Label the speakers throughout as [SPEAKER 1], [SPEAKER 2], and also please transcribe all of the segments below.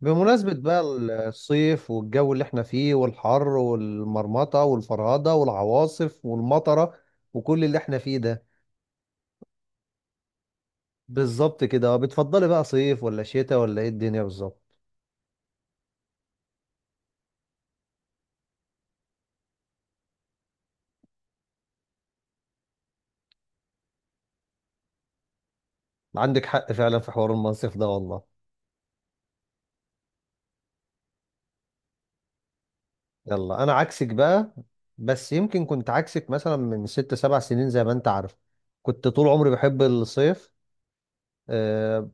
[SPEAKER 1] بمناسبة بقى الصيف والجو اللي احنا فيه والحر والمرمطة والفرهدة والعواصف والمطرة وكل اللي احنا فيه ده. بالظبط كده. اه، بتفضلي بقى صيف ولا شتاء ولا ايه الدنيا بالظبط؟ عندك حق فعلا في حوار المنصف ده والله. يلا انا عكسك بقى. بس يمكن كنت عكسك مثلا من ست سبع سنين زي ما انت عارف. كنت طول عمري بحب الصيف. آه.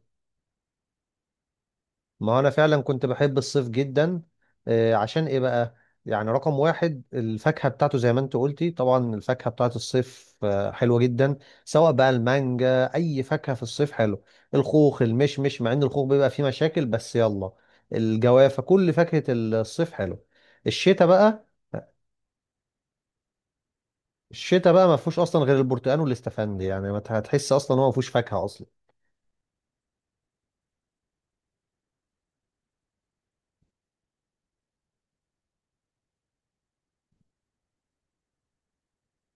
[SPEAKER 1] ما انا فعلا كنت بحب الصيف جدا. عشان ايه بقى؟ يعني رقم واحد الفاكهة بتاعته زي ما انت قلتي. طبعا الفاكهة بتاعت الصيف حلوة جدا. سواء بقى المانجا، اي فاكهة في الصيف حلو. الخوخ، المشمش، مع ان الخوخ بيبقى فيه مشاكل بس يلا. الجوافة، كل فاكهة الصيف حلو. الشتاء بقى، الشتاء بقى ما فيهوش اصلا غير البرتقال والاستفندي. يعني ما هتحس اصلا، هو ما فيهوش فاكهة اصلا.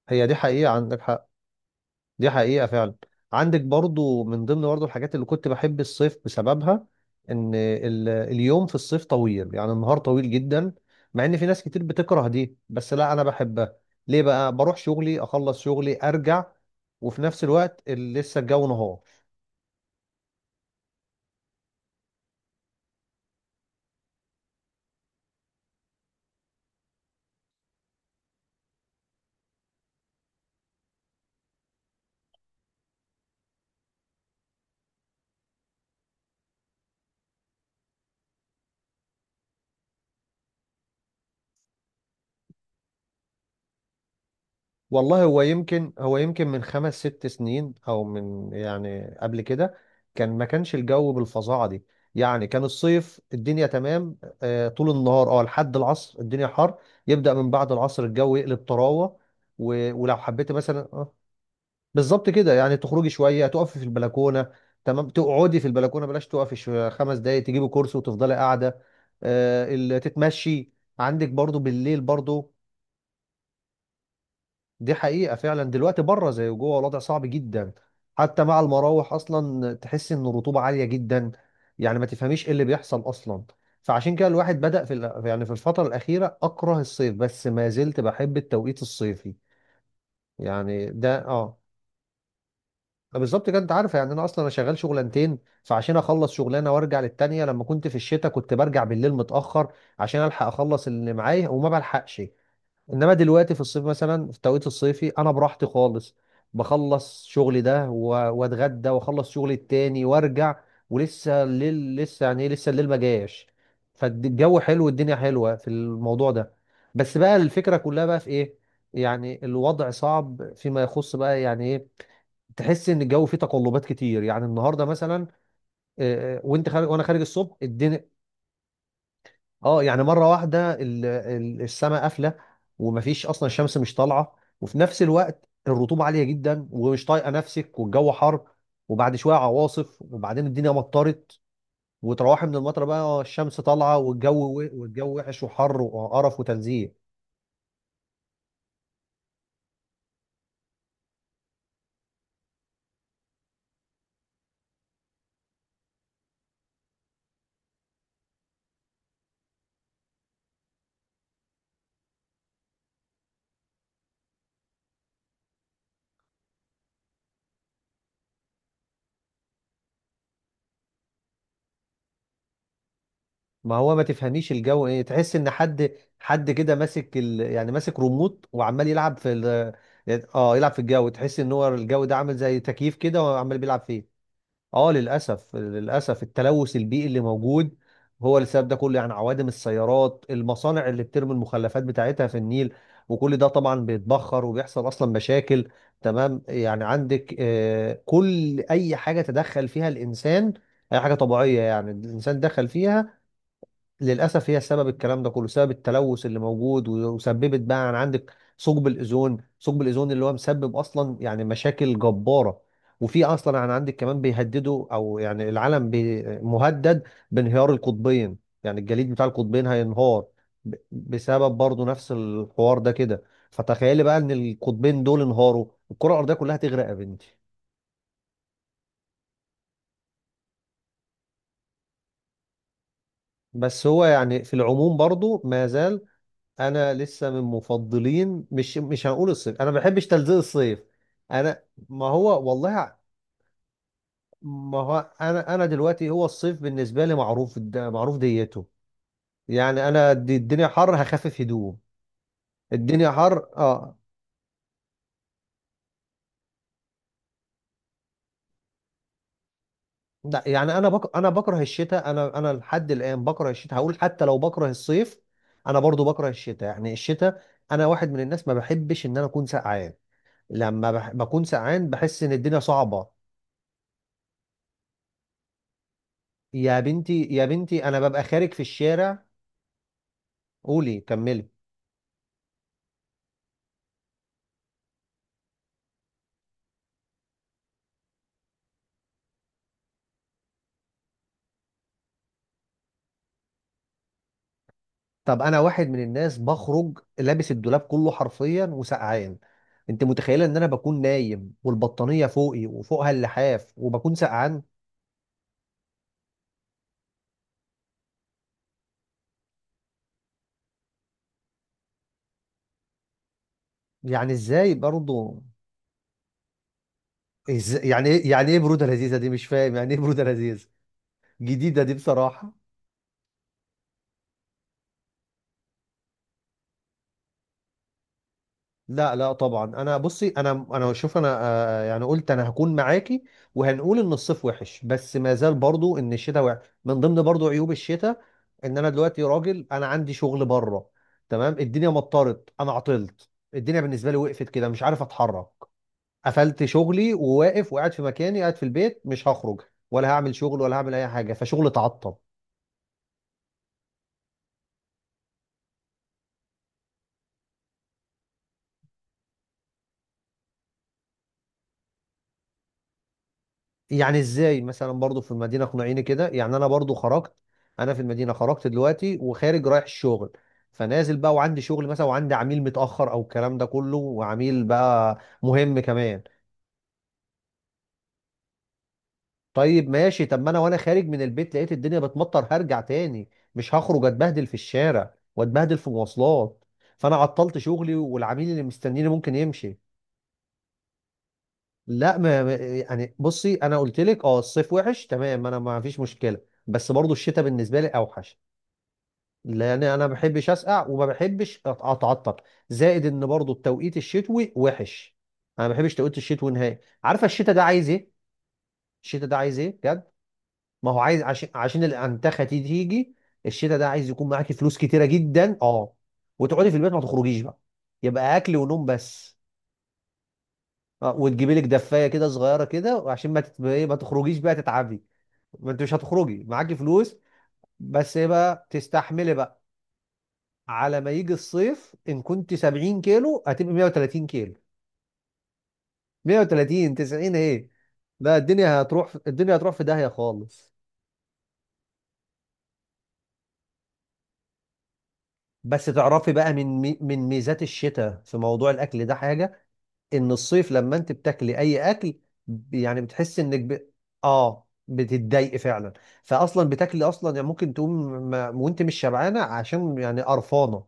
[SPEAKER 1] هي دي حقيقة، عندك حق. دي حقيقة فعلا. عندك برضو من ضمن برضو الحاجات اللي كنت بحب الصيف بسببها ان اليوم في الصيف طويل، يعني النهار طويل جدا. مع ان في ناس كتير بتكره دي، بس لا انا بحبها. ليه بقى؟ بروح شغلي اخلص شغلي ارجع وفي نفس الوقت لسه الجو نهار. والله هو يمكن من خمس ست سنين او من يعني قبل كده كان ما كانش الجو بالفظاعه دي. يعني كان الصيف الدنيا تمام. طول النهار لحد العصر الدنيا حر. يبدأ من بعد العصر الجو يقلب طراوه. ولو حبيت مثلا بالظبط كده، يعني تخرجي شويه، تقفي في البلكونه. تمام، تقعدي في البلكونه، بلاش تقفي، خمس دقايق تجيبي كرسي وتفضلي قاعده. تتمشي. عندك برضو بالليل برضو. دي حقيقة فعلا. دلوقتي بره زي جوه، الوضع صعب جدا. حتى مع المراوح أصلا تحس إن الرطوبة عالية جدا. يعني ما تفهميش إيه اللي بيحصل أصلا. فعشان كده الواحد بدأ في يعني في الفترة الأخيرة أكره الصيف، بس ما زلت بحب التوقيت الصيفي. يعني ده بالظبط كده. أنت عارف، يعني أنا أصلا أنا شغال شغلانتين. فعشان أخلص شغلانة وأرجع للتانية لما كنت في الشتاء كنت برجع بالليل متأخر عشان ألحق أخلص اللي معايا وما بلحقش. انما دلوقتي في الصيف مثلا في التوقيت الصيفي انا براحتي خالص. بخلص شغلي ده واتغدى واخلص شغلي التاني وارجع، ولسه الليل، لسه يعني ايه، لسه الليل ما جاش. فالجو حلو والدنيا حلوه في الموضوع ده. بس بقى الفكره كلها بقى في ايه؟ يعني الوضع صعب فيما يخص بقى يعني ايه. تحس ان الجو فيه تقلبات كتير. يعني النهارده مثلا، وانت خارج وانا خارج الصبح الدنيا اه يعني مره واحده السماء قافله، ومفيش اصلا، الشمس مش طالعه، وفي نفس الوقت الرطوبه عاليه جدا ومش طايقه نفسك والجو حر. وبعد شويه عواصف وبعدين الدنيا مطرت. وتروحي من المطره بقى الشمس طالعه، والجو والجو وحش وحر وقرف وتنزيه. ما هو ما تفهميش الجو ايه. تحس ان حد، حد كده ماسك يعني ماسك ريموت وعمال يلعب في اه يلعب في الجو. تحس ان هو الجو ده عامل زي تكييف كده وعمال بيلعب فيه. اه للاسف التلوث البيئي اللي موجود هو اللي السبب ده كله. يعني عوادم السيارات، المصانع اللي بترمي المخلفات بتاعتها في النيل، وكل ده طبعا بيتبخر وبيحصل اصلا مشاكل. تمام، يعني عندك كل اي حاجه تدخل فيها الانسان، اي حاجه طبيعيه يعني الانسان دخل فيها للأسف، هي سبب الكلام ده كله، سبب التلوث اللي موجود. وسببت بقى عن عندك ثقب الأوزون اللي هو مسبب أصلا يعني مشاكل جبارة. وفي أصلا عن عندك كمان بيهددوا، أو يعني العالم مهدد بانهيار القطبين. يعني الجليد بتاع القطبين هينهار بسبب برضو نفس الحوار ده كده. فتخيلي بقى إن القطبين دول انهاروا الكرة الأرضية كلها تغرق يا بنتي. بس هو يعني في العموم برضو ما زال انا لسه من مفضلين. مش هنقول الصيف، انا ما بحبش تلزيق الصيف. انا. ما هو والله ع- ما هو انا دلوقتي هو الصيف بالنسبه لي معروف معروف ديته. يعني انا، دي الدنيا حر هخفف هدوم. الدنيا حر اه لا يعني، انا انا بكره الشتاء. انا لحد الان بكره الشتاء، هقول حتى لو بكره الصيف انا برضو بكره الشتاء. يعني الشتاء، انا واحد من الناس ما بحبش ان انا اكون سقعان. لما بكون سقعان بحس ان الدنيا صعبه. يا بنتي يا بنتي، انا ببقى خارج في الشارع. قولي، كملي. طب انا واحد من الناس بخرج لابس الدولاب كله حرفيا وسقعان. انت متخيله ان انا بكون نايم والبطانيه فوقي وفوقها اللحاف وبكون سقعان. يعني ازاي برضو؟ يعني ايه، يعني ايه بروده لذيذه دي؟ مش فاهم يعني ايه بروده لذيذه جديده دي بصراحه. لا لا طبعا، انا بصي، انا شوف، انا يعني قلت انا هكون معاكي وهنقول ان الصيف وحش، بس ما زال برضو ان الشتاء وحش. من ضمن برضو عيوب الشتاء ان انا دلوقتي راجل انا عندي شغل بره. تمام، الدنيا مطرت، انا عطلت. الدنيا بالنسبه لي وقفت كده، مش عارف اتحرك. قفلت شغلي وواقف وقاعد في مكاني، قاعد في البيت مش هخرج ولا هعمل شغل ولا هعمل اي حاجه، فشغل اتعطل. يعني ازاي مثلا برضو في المدينه؟ اقنعيني كده. يعني انا برضو خرجت، انا في المدينه خرجت دلوقتي وخارج رايح الشغل، فنازل بقى وعندي شغل مثلا وعندي عميل متاخر او الكلام ده كله، وعميل بقى مهم كمان. طيب ماشي، طب ما انا وانا خارج من البيت لقيت الدنيا بتمطر هرجع تاني، مش هخرج اتبهدل في الشارع واتبهدل في مواصلات. فانا عطلت شغلي والعميل اللي مستنيني ممكن يمشي. لا يعني بصي، انا قلت لك الصيف وحش تمام انا ما فيش مشكله. بس برضو الشتاء بالنسبه لي اوحش، لان انا ما بحبش اسقع وما بحبش اتعطل. زائد ان برضو التوقيت الشتوي وحش. انا ما بحبش توقيت الشتوي نهائي. عارفه الشتاء ده عايز ايه؟ الشتاء ده عايز ايه بجد؟ ما هو عايز، عشان الانتخه دي تيجي. الشتاء ده عايز يكون معاكي فلوس كتيره جدا اه وتقعدي في البيت ما تخرجيش بقى. يبقى اكل ونوم بس. وتجيبي لك دفايه كده صغيره كده، وعشان ما تت... إيه، ما تخرجيش بقى تتعبي، ما انت مش هتخرجي معاكي فلوس. بس ايه بقى، تستحملي بقى على ما يجي الصيف ان كنت 70 كيلو هتبقى 130 كيلو. 130، 90 ايه؟ لا الدنيا هتروح في داهية خالص. بس تعرفي بقى من من ميزات الشتاء في موضوع الاكل ده حاجة: ان الصيف لما انت بتاكلي اي اكل يعني بتحس انك اه بتتضايقي فعلا. فاصلا بتاكلي اصلا، يعني ممكن تقوم ما... وانت مش شبعانة، عشان يعني قرفانة.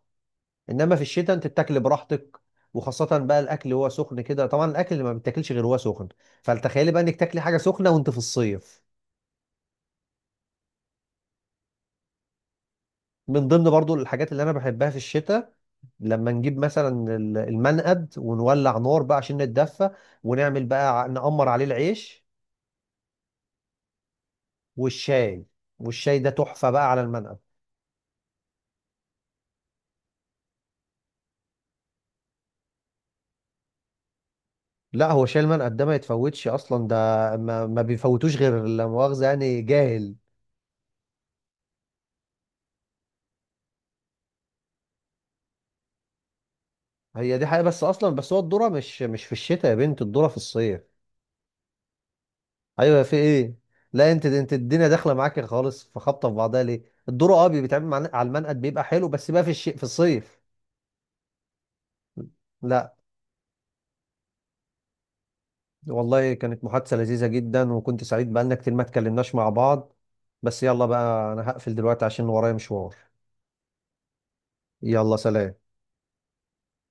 [SPEAKER 1] انما في الشتاء انت بتاكل براحتك، وخاصة بقى الاكل هو سخن كده. طبعا الاكل اللي ما بتاكلش غير هو سخن، فتخيلي بقى انك تاكلي حاجة سخنة وانت في الصيف. من ضمن برضو الحاجات اللي انا بحبها في الشتاء لما نجيب مثلا المنقد ونولع نار بقى عشان نتدفى، ونعمل بقى نقمر عليه العيش والشاي. والشاي ده تحفة بقى على المنقد. لا هو شاي المنقد ده ما يتفوتش اصلا ده. ما بيفوتوش غير لا مؤاخذة يعني جاهل. هي دي حقيقة، بس اصلا، بس هو الذرة مش في الشتاء يا بنت، الذرة في الصيف. ايوه، في ايه؟ لا انت الدنيا داخله معاك خالص، في خبطه في بعضها. ليه الدور بيتعمل على المنقد بيبقى حلو، بس بقى في الشيء في الصيف. لا. والله كانت محادثه لذيذه جدا، وكنت سعيد بقالنا كتير ما اتكلمناش مع بعض. بس يلا بقى، انا هقفل دلوقتي عشان ورايا مشوار. يلا سلام.